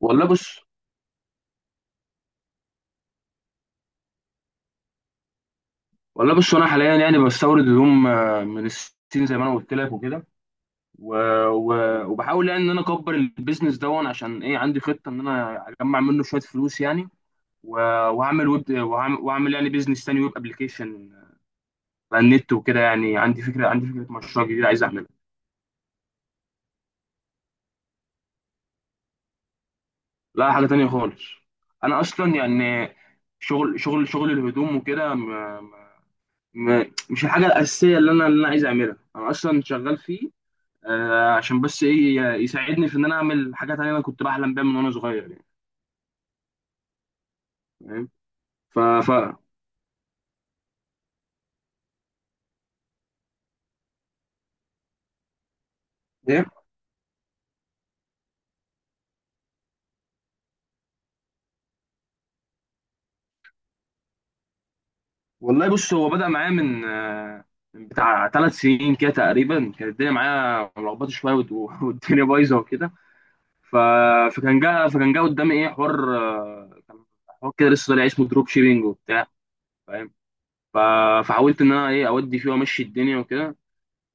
والله بص والله بص، انا حاليا يعني بستورد هدوم من الصين زي ما انا قلت لك وكده. و... و... وبحاول يعني ان انا اكبر البيزنس دون، عشان ايه؟ عندي خطه ان انا اجمع منه شويه فلوس يعني. و... وهعمل ويب، وهعمل يعني بيزنس تاني، ويب ابلكيشن على النت وكده. يعني عندي فكره، مشروع جديد عايز اعملها. لا، حاجه تانيه خالص. انا اصلا يعني شغل الهدوم وكده، مش الحاجه الاساسيه اللي انا عايز اعملها. انا اصلا شغال فيه عشان بس ايه، يساعدني في ان انا اعمل حاجات انا كنت بحلم بيها من وانا صغير يعني. فاهم؟ ف ف ايه. والله بص، هو بدأ معايا من بتاع 3 سنين كده تقريبا. كانت الدنيا معايا ملخبطه شويه، والدنيا بايظه وكده. ف... فكان جه قدامي ايه، حوار، كان حوار كده لسه طالع اسمه دروب شيبينج وبتاع. فاهم؟ ف... فحاولت ان انا ايه، اودي فيه وامشي الدنيا وكده.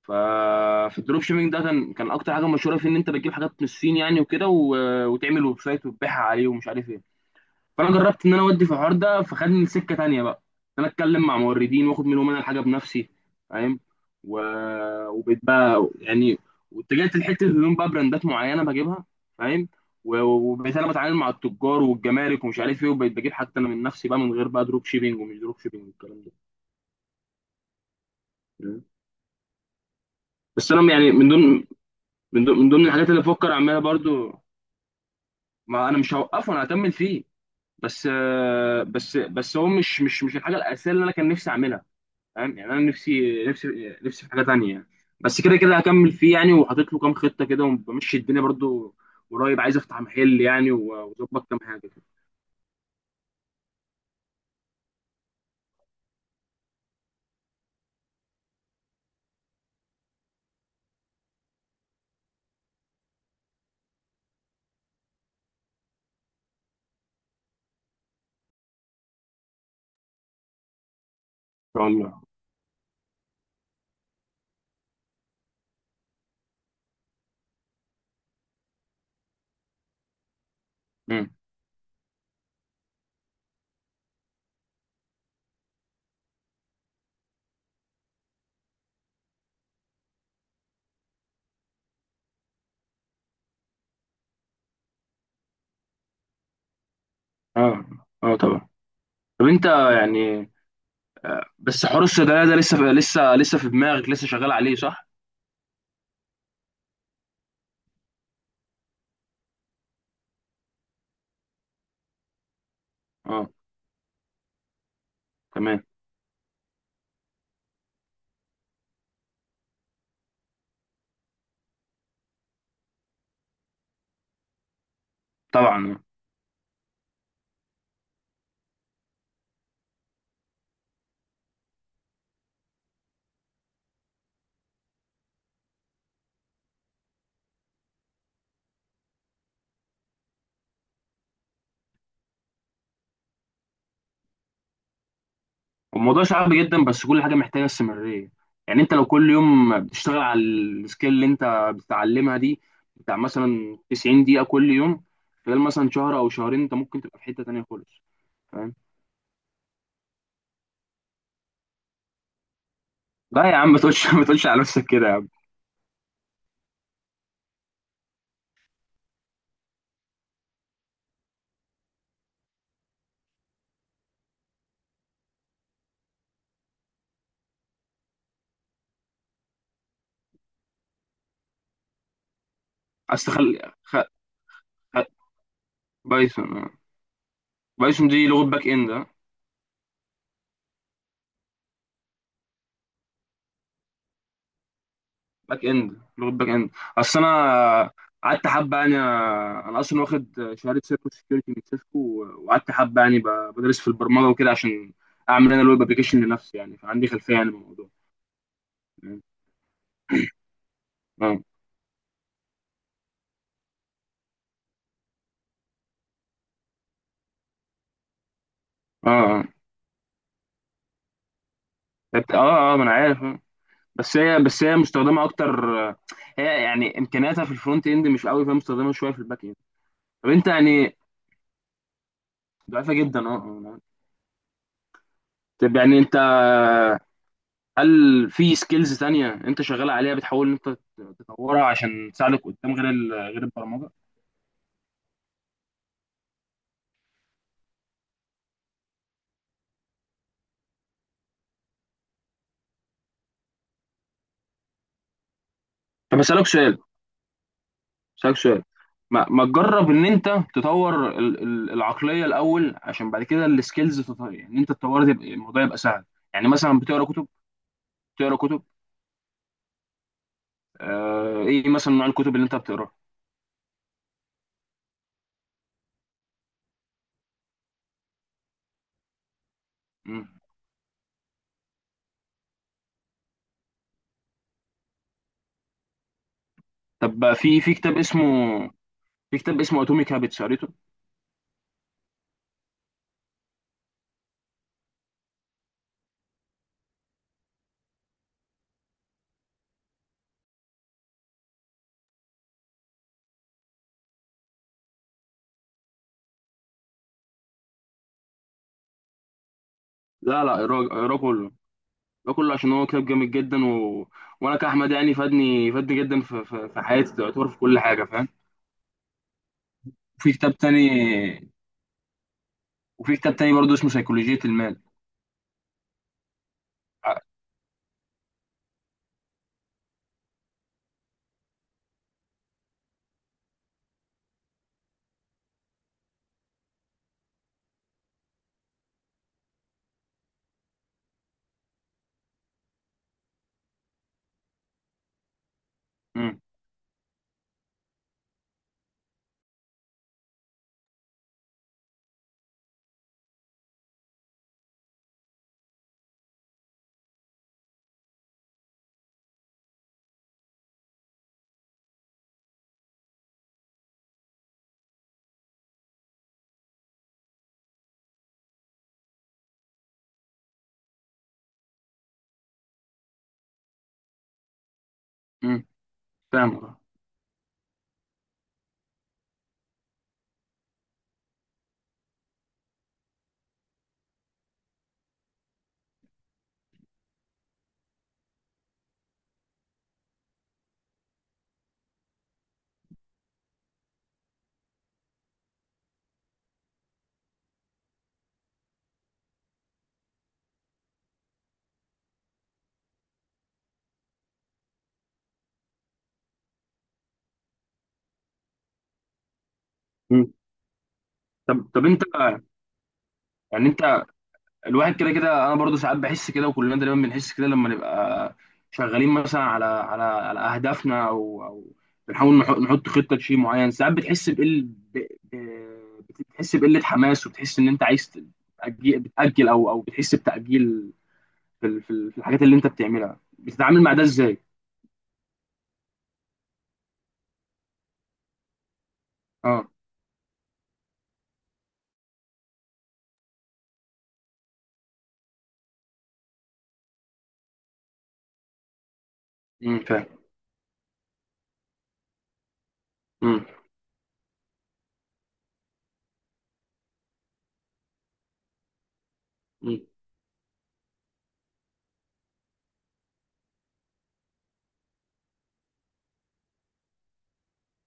ففي الدروب شيبينج ده كان اكتر حاجه مشهوره فيه، ان انت بتجيب حاجات من الصين يعني وكده، وتعمل ويب سايت وتبيعها عليه ومش عارف ايه. فانا جربت ان انا اودي في الحوار ده، فخدني لسكه تانيه بقى، ان انا اتكلم مع موردين واخد منهم انا الحاجه بنفسي. فاهم؟ و... وبقيت بقى يعني، واتجهت لحته الهدوم بقى، براندات معينه بجيبها. فاهم؟ وبقيت انا بتعامل مع التجار والجمارك ومش عارف ايه، وبقيت بجيب حتى انا من نفسي بقى، من غير بقى دروب شيبينج ومش دروب شيبينج والكلام ده. بس انا يعني من ضمن الحاجات اللي بفكر اعملها برضو. ما انا مش هوقفه، انا هكمل فيه. بس آه، بس بس هو مش الحاجه الاساسيه اللي انا كان نفسي اعملها. فاهم يعني؟ انا نفسي في حاجه تانية يعني. بس كده كده هكمل فيه يعني، وحاطط له كام خطه كده، وبمشي الدنيا برضو. قريب عايز افتح محل يعني، واظبط كام حاجه كده. ان شاء الله. مم. اه، اه طبعا. طب انت يعني، بس حوار الصيدليه ده لسه في دماغك، لسه شغال عليه صح؟ اه، تمام، طبعا. الموضوع صعب جدا، بس كل حاجه محتاجه استمراريه. يعني انت لو كل يوم بتشتغل على السكيل اللي انت بتتعلمها دي، بتاع مثلا 90 دقيقه كل يوم، خلال مثلا شهر او شهرين، انت ممكن تبقى في حته تانيه خالص. فاهم؟ لا يا عم، ما تقولش ما تقولش على نفسك كده يا عم. اصل خ... بايثون آه. بايثون دي لغه باك اند. باك اند، لغه باك اند. اصل انا قعدت حبه يعني، انا اصلا واخد شهاده سيركو سكيورتي من سيسكو، وقعدت حبه يعني بدرس في البرمجه وكده، عشان اعمل انا الويب ابلكيشن لنفسي يعني. فعندي خلفيه يعني بالموضوع. اه، اه، اه، اه، اه، ما انا عارف آه. بس هي مستخدمه اكتر. هي يعني امكانياتها في الفرونت اند مش قوي، فهي مستخدمه شويه في الباك اند. طب انت يعني، ضعيفه جدا، اه، أنا عارف. طب يعني انت، هل في سكيلز تانية انت شغال عليها بتحاول ان انت تطورها عشان تساعدك قدام، غير غير البرمجة؟ طب اسالك سؤال، اسالك سؤال، ما تجرب ان انت تطور العقلية الاول، عشان بعد كده السكيلز تطور. يعني انت تطور تبقى، الموضوع يبقى سهل. يعني مثلا بتقرا كتب؟ بتقرا كتب؟ آه، ايه مثلا نوع الكتب اللي انت بتقراها؟ مم. طب بقى، في كتاب اسمه اتوميك هابتس، قريته؟ لا، لا اقراه، اقراه كله. ده كله، عشان هو كتاب جامد جدا، وانا كاحمد يعني فادني، فادني جدا في حياتي، تعتبر في كل حاجه. فاهم؟ وفي كتاب تاني وفي كتاب تاني برضه اسمه سيكولوجيه المال. ع- امم. امم، فاهم. امم. طب، طب يعني انت، الواحد كده كده انا برضو ساعات بحس كده، وكلنا دايما بنحس كده لما نبقى شغالين مثلا على على اهدافنا، او بنحاول نحط خطه لشيء معين. ساعات بتحس بقل ب... بتحس بقله حماس، وبتحس ان انت عايز بتأجل، او بتحس بتأجيل في في الحاجات اللي انت بتعملها. بتتعامل مع ده ازاي؟ اه. امم، فاهم. امم. امم.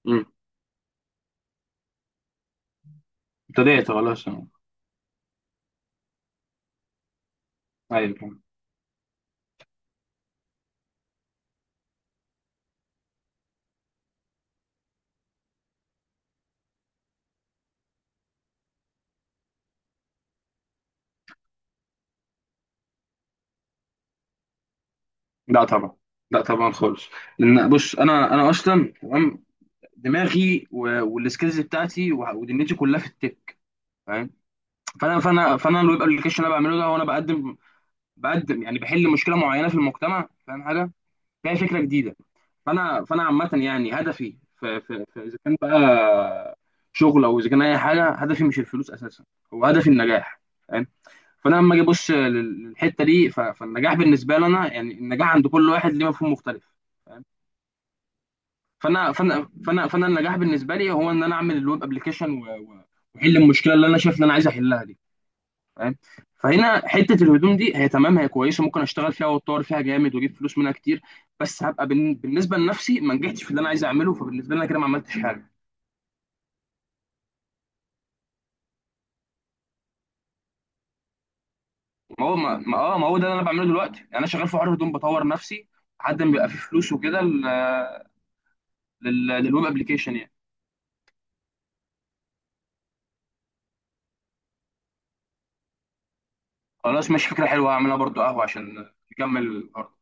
امم، ابتديت خلاص أه. ايوه، فاهم. لا طبعا، لا طبعا خالص. لان بص، انا اصلا تمام، دماغي والسكيلز بتاعتي، ودنيتي كلها في التك. فاهم؟ فانا الويب ابلكيشن اللي انا بعمله ده، هو انا بقدم، بقدم يعني، بحل مشكله معينه في المجتمع. فاهم؟ حاجه فيها فكره جديده. فانا عامه يعني، هدفي في اذا كان بقى شغل، او اذا كان اي حاجه، هدفي مش الفلوس اساسا، هو هدفي النجاح. فاهم؟ فانا لما اجي ابص للحته دي، فالنجاح بالنسبه لي انا يعني، النجاح عند كل واحد ليه مفهوم مختلف. فانا النجاح بالنسبه لي هو ان انا اعمل الويب ابلكيشن، واحل المشكله اللي انا شايف ان انا عايز احلها دي. فاهم؟ فهنا حته الهدوم دي هي تمام، هي كويسه، ممكن اشتغل فيها واتطور فيها جامد واجيب فلوس منها كتير. بس هبقى بالنسبه لنفسي ما نجحتش في اللي انا عايز اعمله. فبالنسبه لي انا كده ما عملتش حاجه. ما هو، اه ما هو ده اللي انا بعمله دلوقتي يعني. انا شغال في حوار هدوم، بطور نفسي لحد ما بيبقى في فلوس وكده، للويب ابلكيشن يعني. خلاص ماشي، فكره حلوه، هعملها برضو قهوه عشان نكمل الحوار.